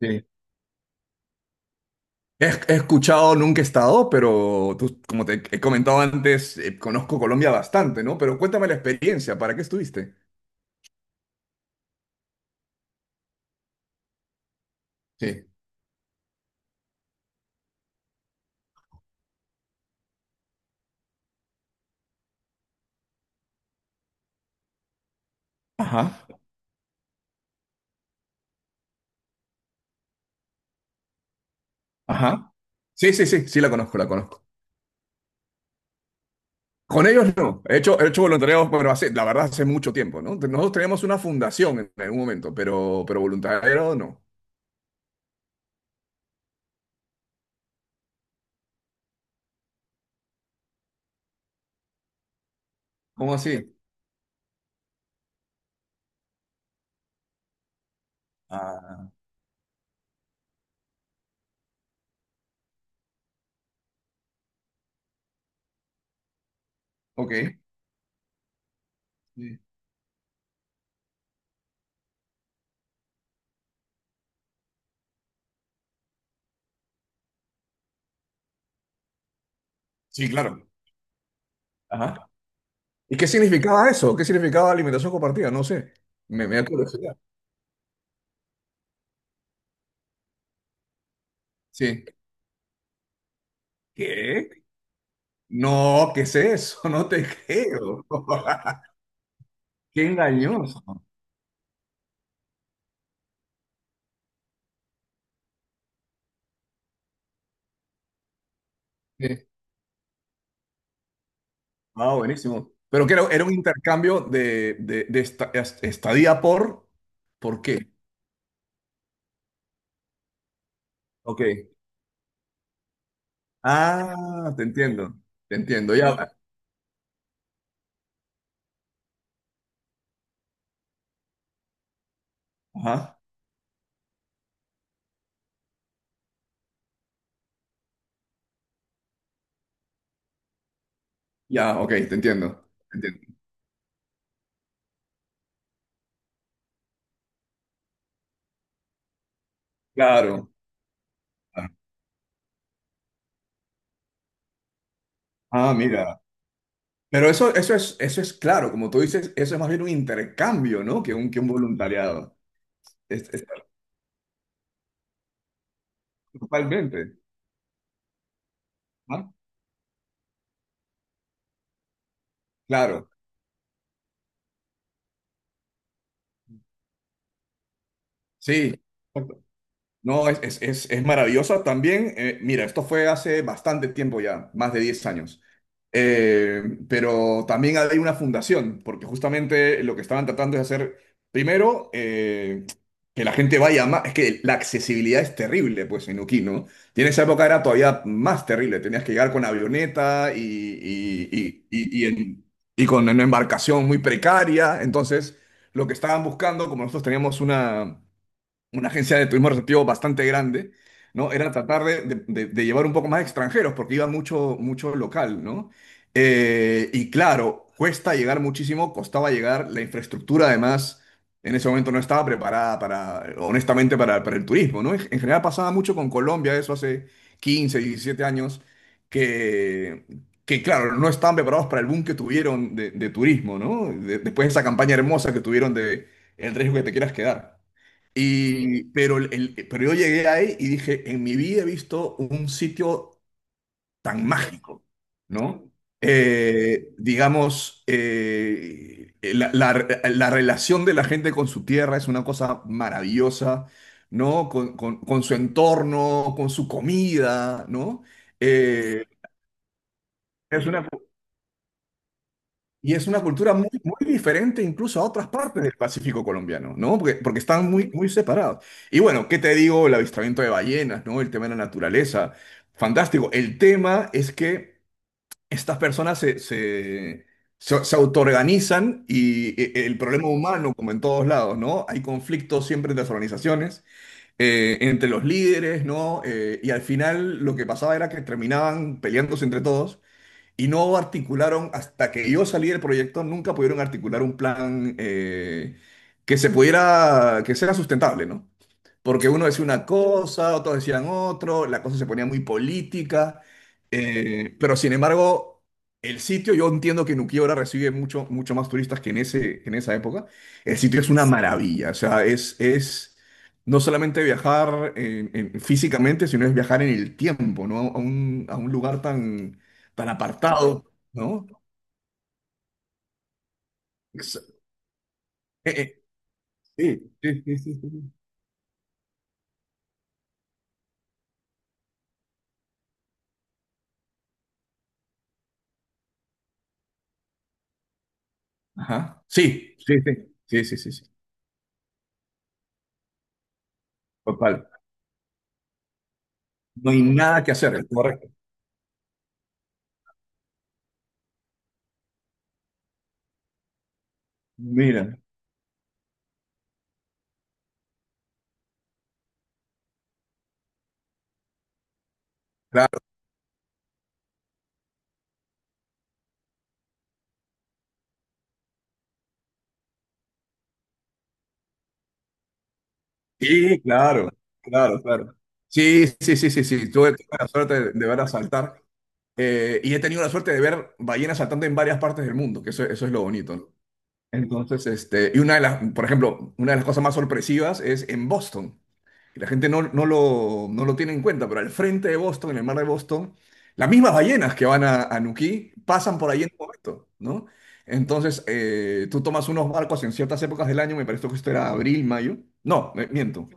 Sí. He escuchado, nunca he estado, pero como te he comentado antes, conozco Colombia bastante, ¿no? Pero cuéntame la experiencia, ¿para qué estuviste? Sí. Ajá, ajá. Sí, sí, sí, sí la conozco, la conozco. Con ellos no. He hecho voluntariado, pero hace, la verdad, hace mucho tiempo, ¿no? Nosotros teníamos una fundación en algún momento, pero voluntariado no. ¿Cómo así? Ah, ok. Sí, sí, claro. Ajá. ¿Y qué significaba eso? ¿Qué significaba alimentación compartida? No sé. Me da curiosidad. Sí. ¿Qué? No, ¿qué es eso? No te creo. Qué engañoso. Sí. Ah, buenísimo. Pero que era, era un intercambio de estadía ¿por qué? Ok. Ah, te entiendo. Te entiendo. Ya. Ajá. Ya, ok, te entiendo. Te entiendo. Claro. Ah, mira. Pero eso es claro, como tú dices, eso es más bien un intercambio, ¿no? Que un voluntariado. Es- es- totalmente. Ah, claro. Sí. No, es maravillosa también. Mira, esto fue hace bastante tiempo ya, más de 10 años. Eh, pero también hay una fundación, porque justamente lo que estaban tratando es hacer, primero, que la gente vaya más, es que la accesibilidad es terrible, pues en Uquí, ¿no? Y en esa época era todavía más terrible, tenías que llegar con avioneta y con una embarcación muy precaria, entonces lo que estaban buscando, como nosotros teníamos una agencia de turismo receptivo bastante grande, ¿no? Era tratar de llevar un poco más extranjeros, porque iba mucho, mucho local, ¿no? Y claro, cuesta llegar muchísimo, costaba llegar, la infraestructura además en ese momento no estaba preparada para, honestamente, para el turismo, ¿no? En general pasaba mucho con Colombia, eso hace 15 17 años, que... Que claro, no estaban preparados para el boom que tuvieron de turismo, ¿no? Después de esa campaña hermosa que tuvieron de "El riesgo que te quieras quedar". Y, pero, pero yo llegué ahí y dije, en mi vida he visto un sitio tan mágico, ¿no? Digamos, la relación de la gente con su tierra es una cosa maravillosa, ¿no? Con, con su entorno, con su comida, ¿no? Eh, es una y es una cultura muy, muy diferente incluso a otras partes del Pacífico colombiano, ¿no? Porque, porque están muy, muy separados. Y bueno, ¿qué te digo? El avistamiento de ballenas, ¿no? El tema de la naturaleza. Fantástico. El tema es que estas personas se autoorganizan y el problema humano, como en todos lados, ¿no? Hay conflictos siempre entre las organizaciones, entre los líderes, ¿no? Y al final lo que pasaba era que terminaban peleándose entre todos y no articularon, hasta que yo salí del proyecto, nunca pudieron articular un plan que se pudiera, que sea sustentable, ¿no? Porque uno decía una cosa, otros decían otro, la cosa se ponía muy política, pero sin embargo, el sitio, yo entiendo que Nuquí ahora recibe mucho, mucho más turistas que en ese, en esa época, el sitio es una maravilla, o sea, es no solamente viajar físicamente, sino es viajar en el tiempo, ¿no? A un lugar tan tan apartado, ¿no? Es- eh, sí, sí, sí, sí, sí. Sí. Ajá. Sí, sí, sí, sí, sí, sí, sí. Total. No hay nada que hacer, es correcto. Mira, claro, sí, claro, claro, claro. Sí, sí, sí, sí, sí. Tuve la suerte de ver a saltar y he tenido la suerte de ver ballenas saltando en varias partes del mundo, que eso es lo bonito, ¿no? Entonces, este, y una de las, por ejemplo, una de las cosas más sorpresivas es en Boston. Y la gente no lo tiene en cuenta, pero al frente de Boston, en el mar de Boston, las mismas ballenas que van a Nuquí pasan por ahí en un momento, ¿no? Entonces, tú tomas unos barcos en ciertas épocas del año, me parece que esto era abril, mayo. No, miento.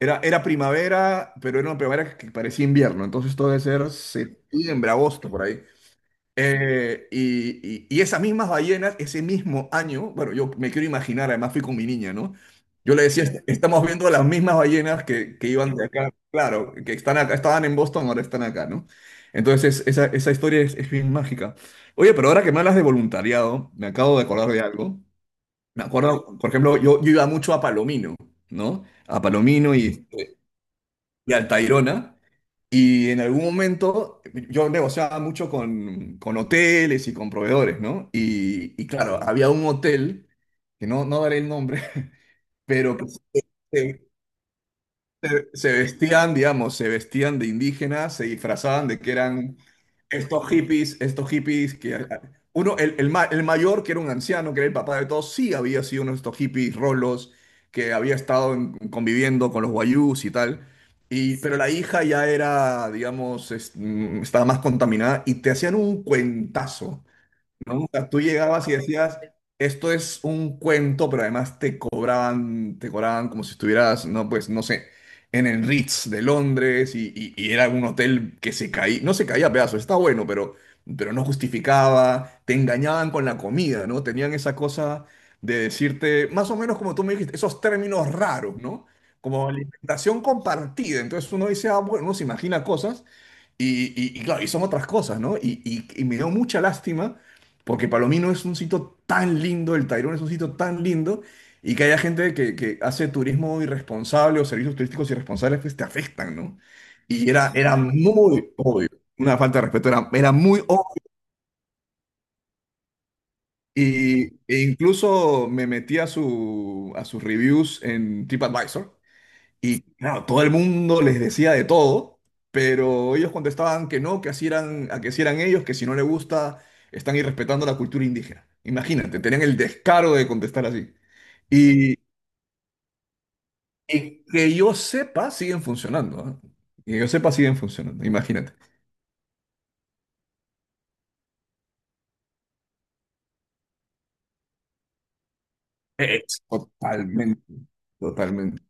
Era, era primavera, pero era una primavera que parecía invierno, entonces esto debe ser septiembre, agosto, por ahí. Y esas mismas ballenas, ese mismo año, bueno, yo me quiero imaginar, además fui con mi niña, ¿no? Yo le decía, Estamos viendo las mismas ballenas que iban de acá, claro, que están acá, estaban en Boston, ahora están acá", ¿no? Entonces, esa historia es bien mágica. Oye, pero ahora que me hablas de voluntariado, me acabo de acordar de algo. Me acuerdo, por ejemplo, yo iba mucho a Palomino, ¿no? A Palomino y, este, y al Tayrona. Y en algún momento yo negociaba mucho con hoteles y con proveedores, ¿no? Y claro, había un hotel, que no daré el nombre, pero que se vestían, digamos, se vestían de indígenas, se disfrazaban de que eran estos hippies que... Uno, el mayor, que era un anciano, que era el papá de todos, sí había sido uno de estos hippies rolos que había estado conviviendo con los guayús y tal. Y, pero la hija ya era, digamos, estaba más contaminada y te hacían un cuentazo. No, o sea, tú llegabas y decías, esto es un cuento, pero además te cobraban como si estuvieras, no, pues, no sé, en el Ritz de Londres y, y era un hotel que se caía, no se caía a pedazos, está bueno, pero no justificaba, te engañaban con la comida, ¿no? Tenían esa cosa de decirte, más o menos como tú me dijiste, esos términos raros, ¿no? Como alimentación compartida. Entonces uno dice, ah, bueno, uno se imagina cosas. Y, y claro, y son otras cosas, ¿no? Y, y me dio mucha lástima porque Palomino es un sitio tan lindo, el Tayrona es un sitio tan lindo, y que haya gente que hace turismo irresponsable o servicios turísticos irresponsables, pues te afectan, ¿no? Y era, era sí, muy obvio, una falta de respeto, era, era muy obvio. Y, e incluso me metí a, su, a sus reviews en TripAdvisor. Y claro, todo el mundo les decía de todo, pero ellos contestaban que no, que así eran, a que así eran ellos, que si no le gusta, están irrespetando la cultura indígena. Imagínate, tenían el descaro de contestar así. Y, y que yo sepa, siguen funcionando, ¿ah? Que yo sepa, siguen funcionando, imagínate. Es totalmente, totalmente.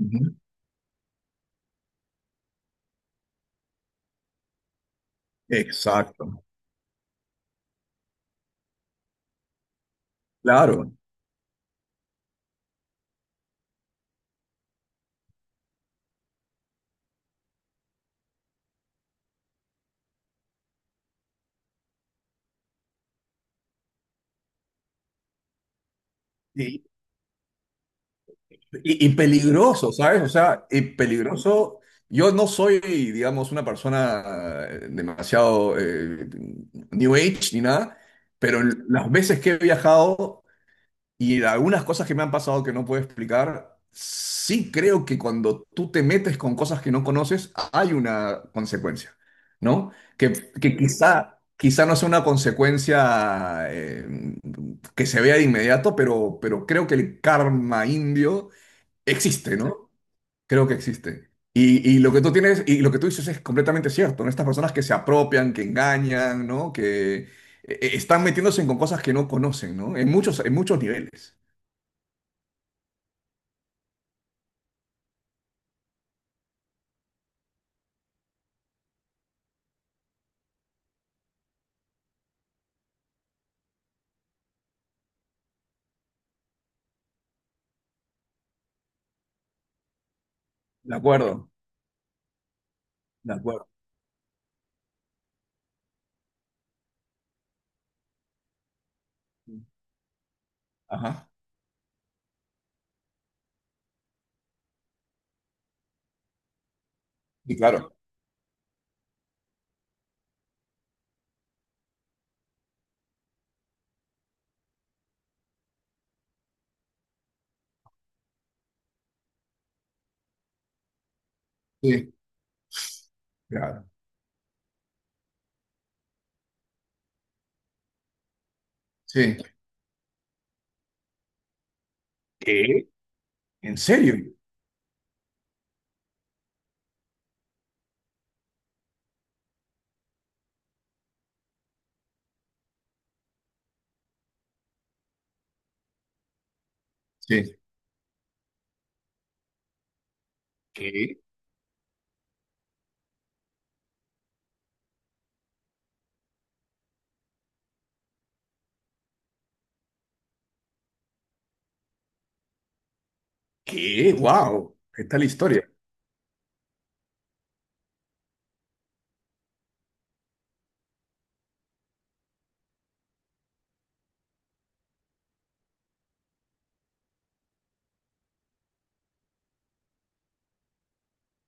Ujú. Exacto, claro. Y peligroso, ¿sabes? O sea, y peligroso. Yo no soy, digamos, una persona demasiado New Age ni nada, pero las veces que he viajado y algunas cosas que me han pasado que no puedo explicar, sí creo que cuando tú te metes con cosas que no conoces, hay una consecuencia, ¿no? Que quizá, quizá no sea una consecuencia que se vea de inmediato, pero creo que el karma indio existe, ¿no? Creo que existe. Y lo que tú tienes, y lo que tú dices es completamente cierto, ¿no? Estas personas que se apropian, que engañan, ¿no? Que están metiéndose con cosas que no conocen, ¿no? En muchos niveles. De acuerdo, de acuerdo. Ajá. Y claro. Sí, claro. Sí, ¿qué? ¿En serio? Sí. ¿Qué? ¿Qué? ¡Wow! ¿Qué tal historia?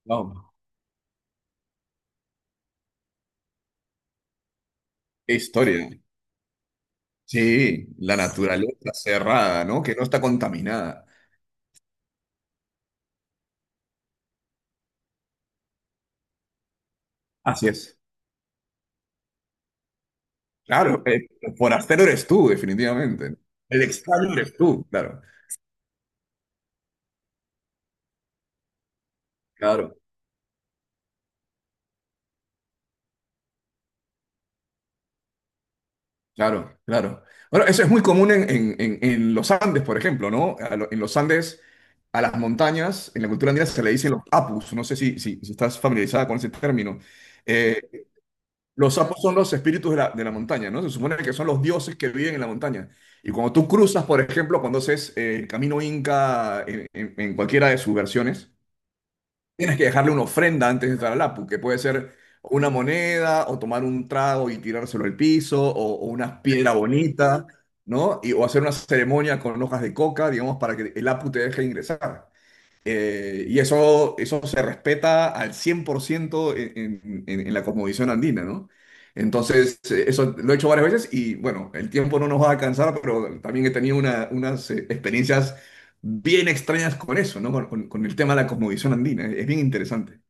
Wow. ¿Qué historia? Sí, la naturaleza cerrada, ¿no? Que no está contaminada. Así es. Claro, el forastero eres tú, definitivamente. El extraño eres tú, claro, claro, claro, claro. Bueno, eso es muy común en, en los Andes, por ejemplo, ¿no? En los Andes, a las montañas, en la cultura andina se le dicen los apus, no sé si, si, si estás familiarizada con ese término. Eh, los apus son los espíritus de la montaña, ¿no? Se supone que son los dioses que viven en la montaña. Y cuando tú cruzas, por ejemplo, cuando haces el camino inca en en cualquiera de sus versiones, tienes que dejarle una ofrenda antes de entrar al Apu, que puede ser una moneda, o tomar un trago y tirárselo al piso, o una piedra bonita, ¿no? Y, o hacer una ceremonia con hojas de coca, digamos, para que el Apu te deje ingresar. Y eso se respeta al 100% en, en la cosmovisión andina, ¿no? Entonces, eso lo he hecho varias veces y bueno, el tiempo no nos va a alcanzar, pero también he tenido unas experiencias bien extrañas con eso, ¿no? Con, con el tema de la cosmovisión andina. Es bien interesante.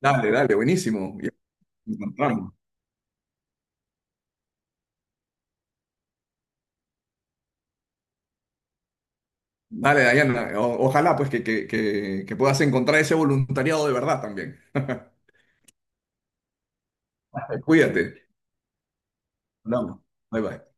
Dale, dale, buenísimo. Ya nos encontramos. Dale, Dayana. Ojalá pues que puedas encontrar ese voluntariado de verdad también. Cuídate. Hablamos. Bye bye.